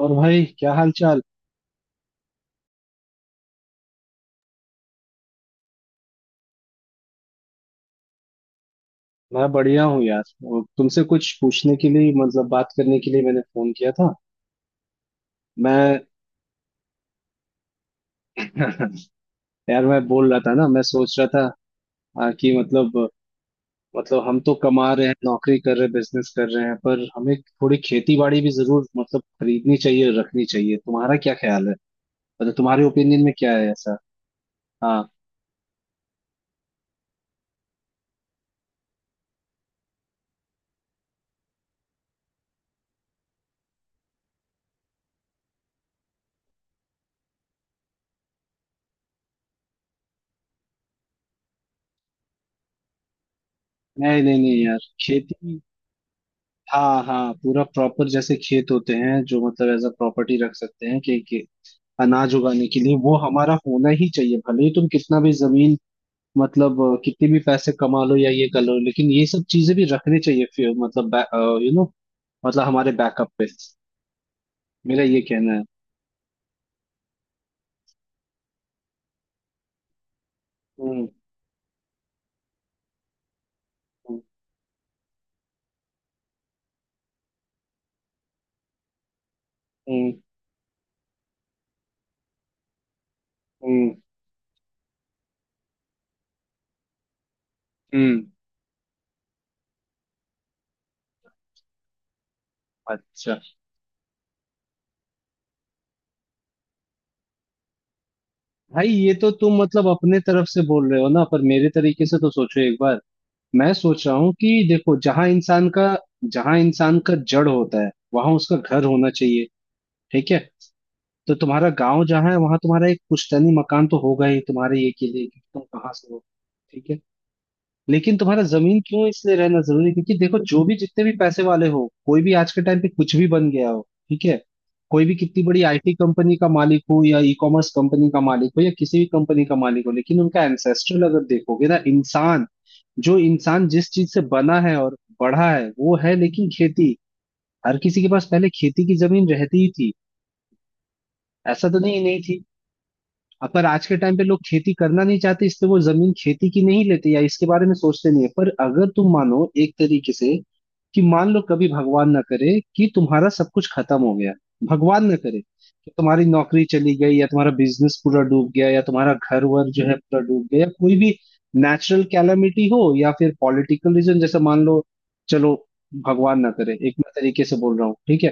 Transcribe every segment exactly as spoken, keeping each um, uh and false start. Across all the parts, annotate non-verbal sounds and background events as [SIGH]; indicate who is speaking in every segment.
Speaker 1: और भाई, क्या हाल चाल। मैं बढ़िया हूँ यार। और तुमसे कुछ पूछने के लिए मतलब बात करने के लिए मैंने फोन किया था। मैं [CLEARS THROAT] [LAUGHS] यार, मैं बोल रहा था ना, मैं सोच रहा था आ, कि मतलब मतलब हम तो कमा रहे हैं, नौकरी कर रहे हैं, बिजनेस कर रहे हैं, पर हमें थोड़ी खेती बाड़ी भी जरूर मतलब खरीदनी चाहिए, रखनी चाहिए। तुम्हारा क्या ख्याल है? मतलब तुम्हारे ओपिनियन में क्या है ऐसा? हाँ, नहीं नहीं नहीं यार, खेती। हाँ हाँ, पूरा प्रॉपर जैसे खेत होते हैं जो मतलब एज अ प्रॉपर्टी रख सकते हैं, कि कि अनाज उगाने के लिए वो हमारा होना ही चाहिए। भले ही तुम कितना भी जमीन मतलब अ, कितने भी पैसे कमा लो या ये कर लो, लेकिन ये सब चीजें भी रखनी चाहिए फिर मतलब, यू नो मतलब हमारे बैकअप पे। मेरा ये कहना है। हम्म। हम्म। हम्म। हम्म। हम्म। अच्छा। भाई, ये तो तुम मतलब अपने तरफ से बोल रहे हो ना, पर मेरे तरीके से तो सोचो एक बार। मैं सोच रहा हूँ कि देखो, जहां इंसान का जहां इंसान का जड़ होता है वहां उसका घर होना चाहिए। ठीक है। तो तुम्हारा गांव जहाँ है वहां तुम्हारा एक पुश्तैनी मकान तो होगा ही, तुम्हारे ये के लिए कि तुम कहाँ से हो। ठीक है। लेकिन तुम्हारा जमीन क्यों इसलिए रहना जरूरी है? क्योंकि देखो, जो भी जितने भी पैसे वाले हो, कोई भी आज के टाइम पे कुछ भी बन गया हो, ठीक है, कोई भी कितनी बड़ी आईटी कंपनी का मालिक हो या ई कॉमर्स कंपनी का मालिक हो या किसी भी कंपनी का मालिक हो, लेकिन उनका एंसेस्ट्रल अगर देखोगे ना, इंसान जो इंसान जिस चीज से बना है और बढ़ा है वो है, लेकिन खेती हर किसी के पास पहले खेती की जमीन रहती ही थी। ऐसा तो नहीं, नहीं थी। अब पर आज के टाइम पे लोग खेती करना नहीं चाहते, इसलिए वो जमीन खेती की नहीं लेते या इसके बारे में सोचते नहीं है। पर अगर तुम मानो एक तरीके से कि मान लो कभी भगवान ना करे कि तुम्हारा सब कुछ खत्म हो गया। भगवान ना करे कि तुम्हारी नौकरी चली गई या तुम्हारा बिजनेस पूरा डूब गया या तुम्हारा घर वर जो है पूरा डूब गया, या कोई भी नेचुरल कैलामिटी हो, या फिर पॉलिटिकल रीजन, जैसे मान लो, चलो भगवान ना करे, एक मैं तरीके से बोल रहा हूँ, ठीक है,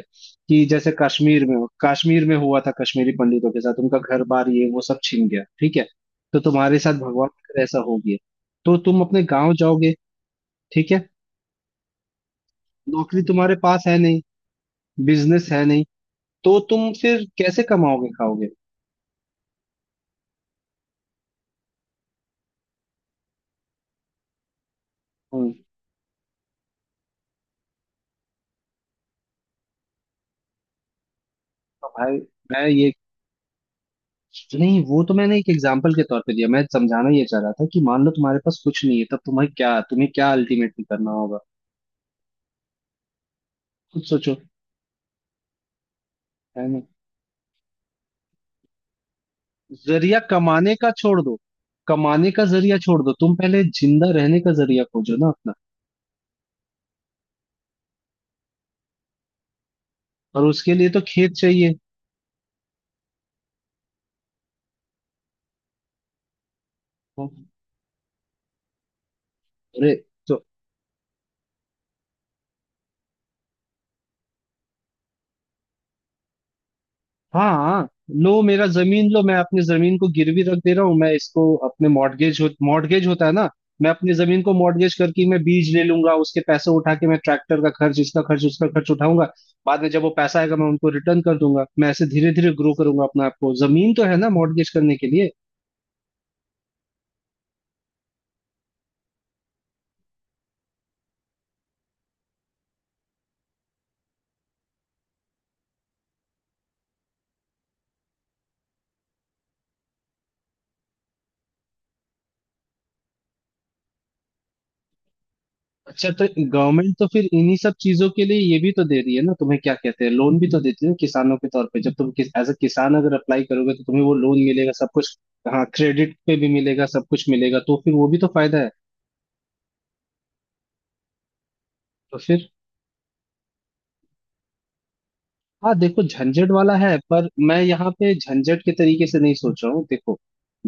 Speaker 1: कि जैसे कश्मीर में कश्मीर में हुआ था कश्मीरी पंडितों के साथ, उनका घर बार ये वो सब छीन गया, ठीक है, तो तुम्हारे साथ भगवान करे ऐसा हो गया, तो तुम अपने गांव जाओगे, ठीक है। नौकरी तुम्हारे पास है नहीं, बिजनेस है नहीं, तो तुम फिर कैसे कमाओगे खाओगे? हम्म। तो भाई, मैं ये नहीं, वो तो मैंने एक एग्जाम्पल के तौर पे दिया, मैं समझाना ये चाह रहा था कि मान लो तुम्हारे पास कुछ नहीं है, तब तुम्हें क्या तुम्हें क्या अल्टीमेटली करना होगा, खुद सोचो, है ना? जरिया कमाने का छोड़ दो, कमाने का जरिया छोड़ दो, तुम पहले जिंदा रहने का जरिया खोजो ना अपना, और उसके लिए तो खेत चाहिए। अरे तो हाँ, लो मेरा जमीन लो, मैं अपनी जमीन को गिरवी रख दे रहा हूँ, मैं इसको अपने मॉर्गेज हो, मॉर्गेज होता है ना, मैं अपनी जमीन को मॉर्गेज करके मैं बीज ले लूंगा, उसके पैसे उठा के मैं ट्रैक्टर का खर्च, इसका खर्च, उसका खर्च उठाऊंगा। बाद में जब वो पैसा आएगा मैं उनको रिटर्न कर दूंगा। मैं ऐसे धीरे धीरे ग्रो करूंगा अपने आप को। जमीन तो है ना मॉर्गेज करने के लिए। अच्छा, तो गवर्नमेंट तो फिर इन्हीं सब चीजों के लिए ये भी तो दे रही है ना तुम्हें, क्या कहते हैं, लोन भी तो देती है ना किसानों के तौर पे। जब तुम किस एज अ किसान अगर अप्लाई करोगे तो तुम्हें वो लोन मिलेगा, सब कुछ। हाँ, क्रेडिट पे भी मिलेगा, सब कुछ मिलेगा, तो फिर वो भी तो फायदा है। तो फिर। हाँ देखो, झंझट वाला है, पर मैं यहाँ पे झंझट के तरीके से नहीं सोच रहा हूँ। देखो,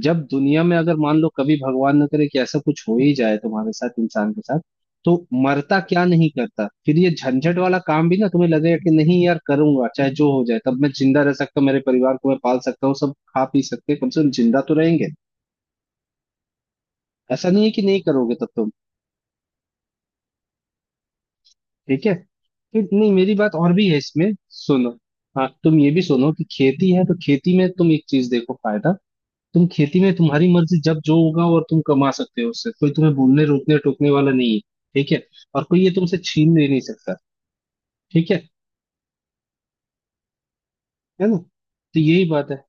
Speaker 1: जब दुनिया में अगर मान लो कभी भगवान न करे कि ऐसा कुछ हो ही जाए तुम्हारे साथ, इंसान के साथ, तो मरता क्या नहीं करता, फिर ये झंझट वाला काम भी ना तुम्हें लगेगा कि नहीं यार, करूंगा, चाहे जो हो जाए, तब मैं जिंदा रह सकता हूँ, मेरे परिवार को मैं पाल सकता हूँ, सब खा पी सकते हैं, कम से कम जिंदा तो रहेंगे। ऐसा नहीं है कि नहीं करोगे तब तुम। ठीक है। फिर नहीं, मेरी बात और भी है इसमें, सुनो। हाँ, तुम ये भी सुनो कि खेती है तो खेती में तुम एक चीज देखो, फायदा। तुम खेती में तुम्हारी मर्जी, जब जो होगा और तुम कमा सकते हो उससे, कोई तुम्हें बोलने रोकने टोकने वाला नहीं है, ठीक है, और कोई ये तुमसे छीन ले नहीं सकता। ठीक है है ना, तो यही बात है।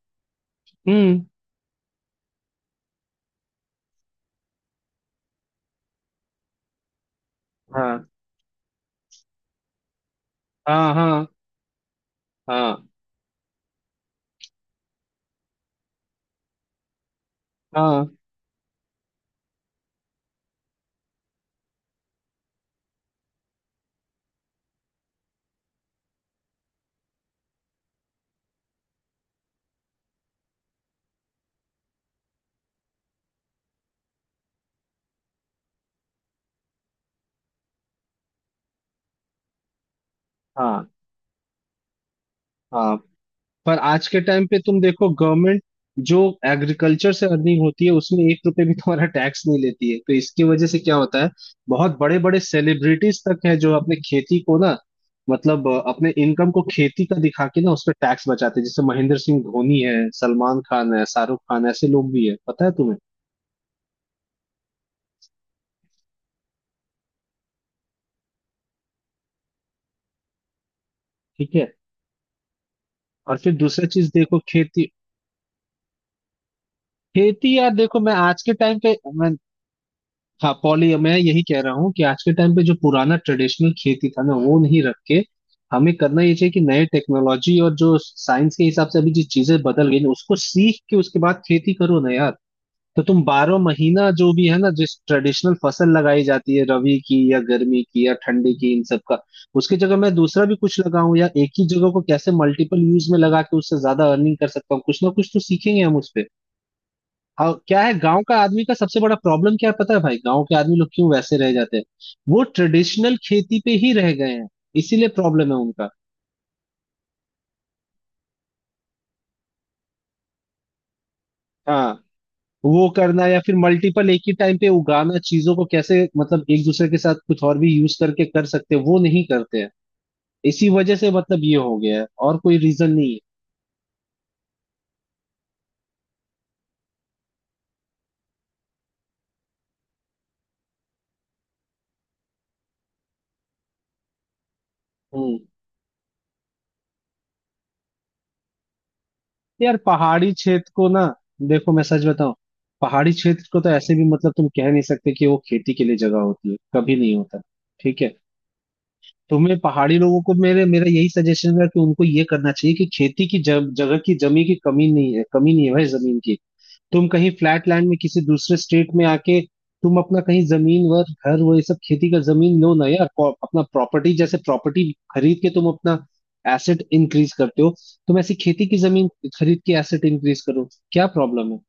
Speaker 1: हम्म। हाँ हाँ हाँ हाँ। हाँ हाँ हाँ। पर आज के टाइम पे तुम देखो, गवर्नमेंट जो एग्रीकल्चर से अर्निंग होती है उसमें एक रुपए भी तुम्हारा टैक्स नहीं लेती है, तो इसकी वजह से क्या होता है, बहुत बड़े बड़े सेलिब्रिटीज तक है जो अपने खेती को ना, मतलब अ, अपने इनकम को खेती का दिखा के ना उस पर टैक्स बचाते हैं, जैसे महेंद्र सिंह धोनी है, सलमान खान है, शाहरुख खान, ऐसे लोग भी है, पता है तुम्हें? ठीक है, और फिर दूसरा चीज देखो, खेती। खेती यार, देखो मैं आज के टाइम पे, हाँ पॉली, मैं यही कह रहा हूँ कि आज के टाइम पे जो पुराना ट्रेडिशनल खेती था ना वो नहीं रख के हमें करना ये चाहिए कि नए टेक्नोलॉजी और जो साइंस के हिसाब से अभी जो चीजें बदल गई ना उसको सीख के उसके बाद खेती करो ना यार। तो तुम बारह महीना जो भी है ना, जिस ट्रेडिशनल फसल लगाई जाती है, रबी की या गर्मी की या ठंडी की, इन सब का उसकी जगह मैं दूसरा भी कुछ लगाऊं या एक ही जगह को कैसे मल्टीपल यूज में लगा के उससे ज्यादा अर्निंग कर सकता हूँ, कुछ ना कुछ तो सीखेंगे हम उसपे। हाँ, क्या है गांव का आदमी का सबसे बड़ा प्रॉब्लम क्या है पता है भाई, गांव के आदमी लोग क्यों वैसे रह जाते हैं? वो ट्रेडिशनल खेती पे ही रह गए हैं, इसीलिए प्रॉब्लम है उनका। हाँ, वो करना या फिर मल्टीपल एक ही टाइम पे उगाना चीजों को कैसे, मतलब एक दूसरे के साथ कुछ और भी यूज करके कर सकते हैं, वो नहीं करते हैं, इसी वजह से मतलब ये हो गया है, और कोई रीजन नहीं है। हम्म। यार, पहाड़ी क्षेत्र को ना, देखो मैं सच बताऊं, पहाड़ी क्षेत्र को तो ऐसे भी मतलब तुम कह नहीं सकते कि वो खेती के लिए जगह होती है, कभी नहीं होता। ठीक है। तुम्हें पहाड़ी लोगों को मेरे मेरा यही सजेशन है कि उनको ये करना चाहिए कि खेती की जग, जगह की, जमी की कमी नहीं है, कमी नहीं है भाई जमीन की। तुम कहीं फ्लैट लैंड में किसी दूसरे स्टेट में आके तुम अपना कहीं जमीन वर, घर वो ये सब खेती का जमीन लो ना यार, को- अपना प्रॉपर्टी जैसे, प्रॉपर्टी खरीद के तुम अपना एसेट इंक्रीज करते हो, तुम ऐसी खेती की जमीन खरीद के एसेट इंक्रीज करो, क्या प्रॉब्लम है।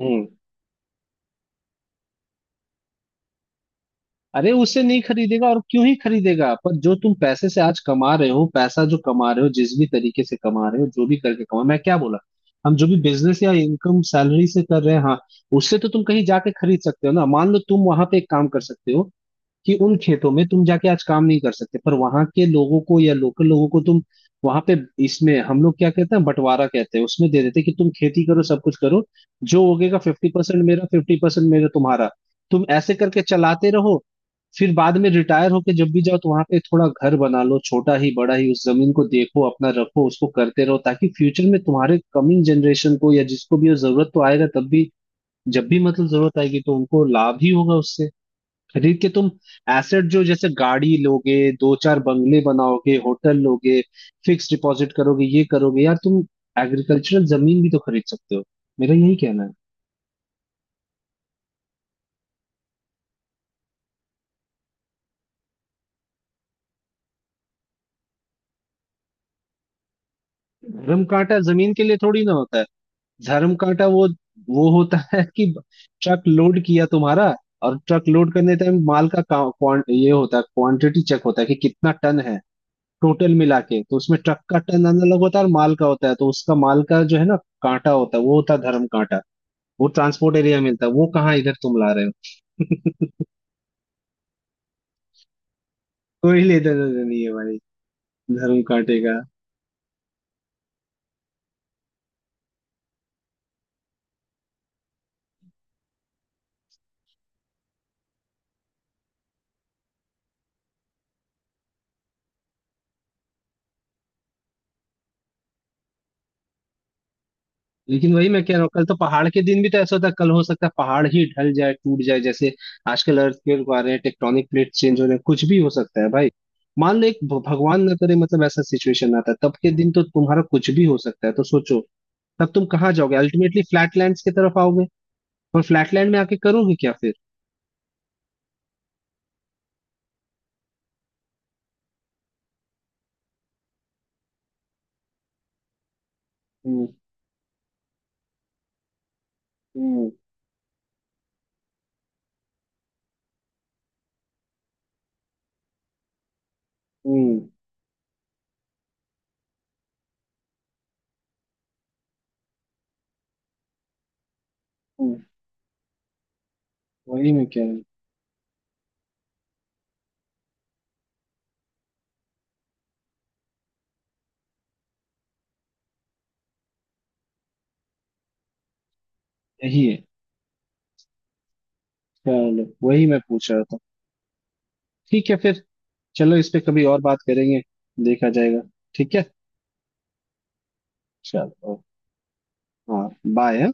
Speaker 1: हम्म। अरे, उसे नहीं खरीदेगा, और क्यों ही खरीदेगा, पर जो तुम पैसे से आज कमा रहे हो, पैसा जो कमा रहे हो, जिस भी तरीके से कमा रहे हो, जो भी करके कमा, मैं क्या बोला, हम जो भी बिजनेस या इनकम सैलरी से कर रहे हैं, हाँ, उससे तो तुम कहीं जाके खरीद सकते हो ना। मान लो तुम वहां पे एक काम कर सकते हो कि उन खेतों में तुम जाके आज काम नहीं कर सकते, पर वहां के लोगों को या लोकल लोगों को तुम वहां पे, इसमें हम लोग क्या कहते हैं बंटवारा कहते हैं, उसमें दे देते हैं कि तुम खेती करो सब कुछ करो, जो उगेगा फिफ्टी परसेंट मेरा, फिफ्टी परसेंट मेरा तुम्हारा। तुम ऐसे करके चलाते रहो, फिर बाद में रिटायर होके जब भी जाओ तो वहां पे थोड़ा घर बना लो, छोटा ही बड़ा ही, उस जमीन को देखो अपना, रखो उसको, करते रहो, ताकि फ्यूचर में तुम्हारे कमिंग जनरेशन को या जिसको भी वो जरूरत तो आएगा तब भी, जब भी मतलब जरूरत आएगी तो उनको लाभ ही होगा उससे। खरीद के तुम एसेट जो, जैसे गाड़ी लोगे, दो चार बंगले बनाओगे, होटल लोगे, फिक्स डिपॉजिट करोगे, ये करोगे यार तुम, एग्रीकल्चरल जमीन भी तो खरीद सकते हो, मेरा यही कहना है। धर्म कांटा जमीन के लिए थोड़ी ना होता है। धर्म कांटा, वो वो होता है कि ट्रक लोड किया तुम्हारा, और ट्रक लोड करने टाइम माल का का- क्वां- ये होता है, क्वांटिटी चेक होता है कि कितना टन है, टोटल मिला के तो उसमें ट्रक का टन अलग होता है और माल का होता है, तो उसका माल का जो है ना कांटा होता है, वो होता है धर्म कांटा। वो ट्रांसपोर्ट एरिया मिलता है वो, कहाँ इधर तुम ला रहे हो? [LAUGHS] कोई लेना देना नहीं है भाई, धर्म काटेगा। लेकिन वही मैं कह रहा हूँ, कल तो पहाड़ के दिन भी तो ऐसा होता है, कल हो सकता है पहाड़ ही ढल जाए, टूट जाए, जैसे आजकल अर्थक्वेक आ रहे हैं, टेक्टोनिक प्लेट चेंज हो रहे हैं, कुछ भी हो सकता है भाई। मान लो एक भ- भगवान ना करे मतलब ऐसा सिचुएशन आता है, तब के दिन तो तुम्हारा कुछ भी हो सकता है, तो सोचो, तब तुम कहाँ जाओगे? अल्टीमेटली फ्लैट लैंड्स की तरफ आओगे, और फ्लैट लैंड में आके करोगे क्या फिर? हम्म। हम्म। हम्म। हम्म, वही मैं कह रहा हूँ। यही है। चलो, वही मैं पूछ रहा था। ठीक है फिर, चलो, इस पे कभी और बात करेंगे। देखा जाएगा। ठीक है। चलो। हाँ। बाय।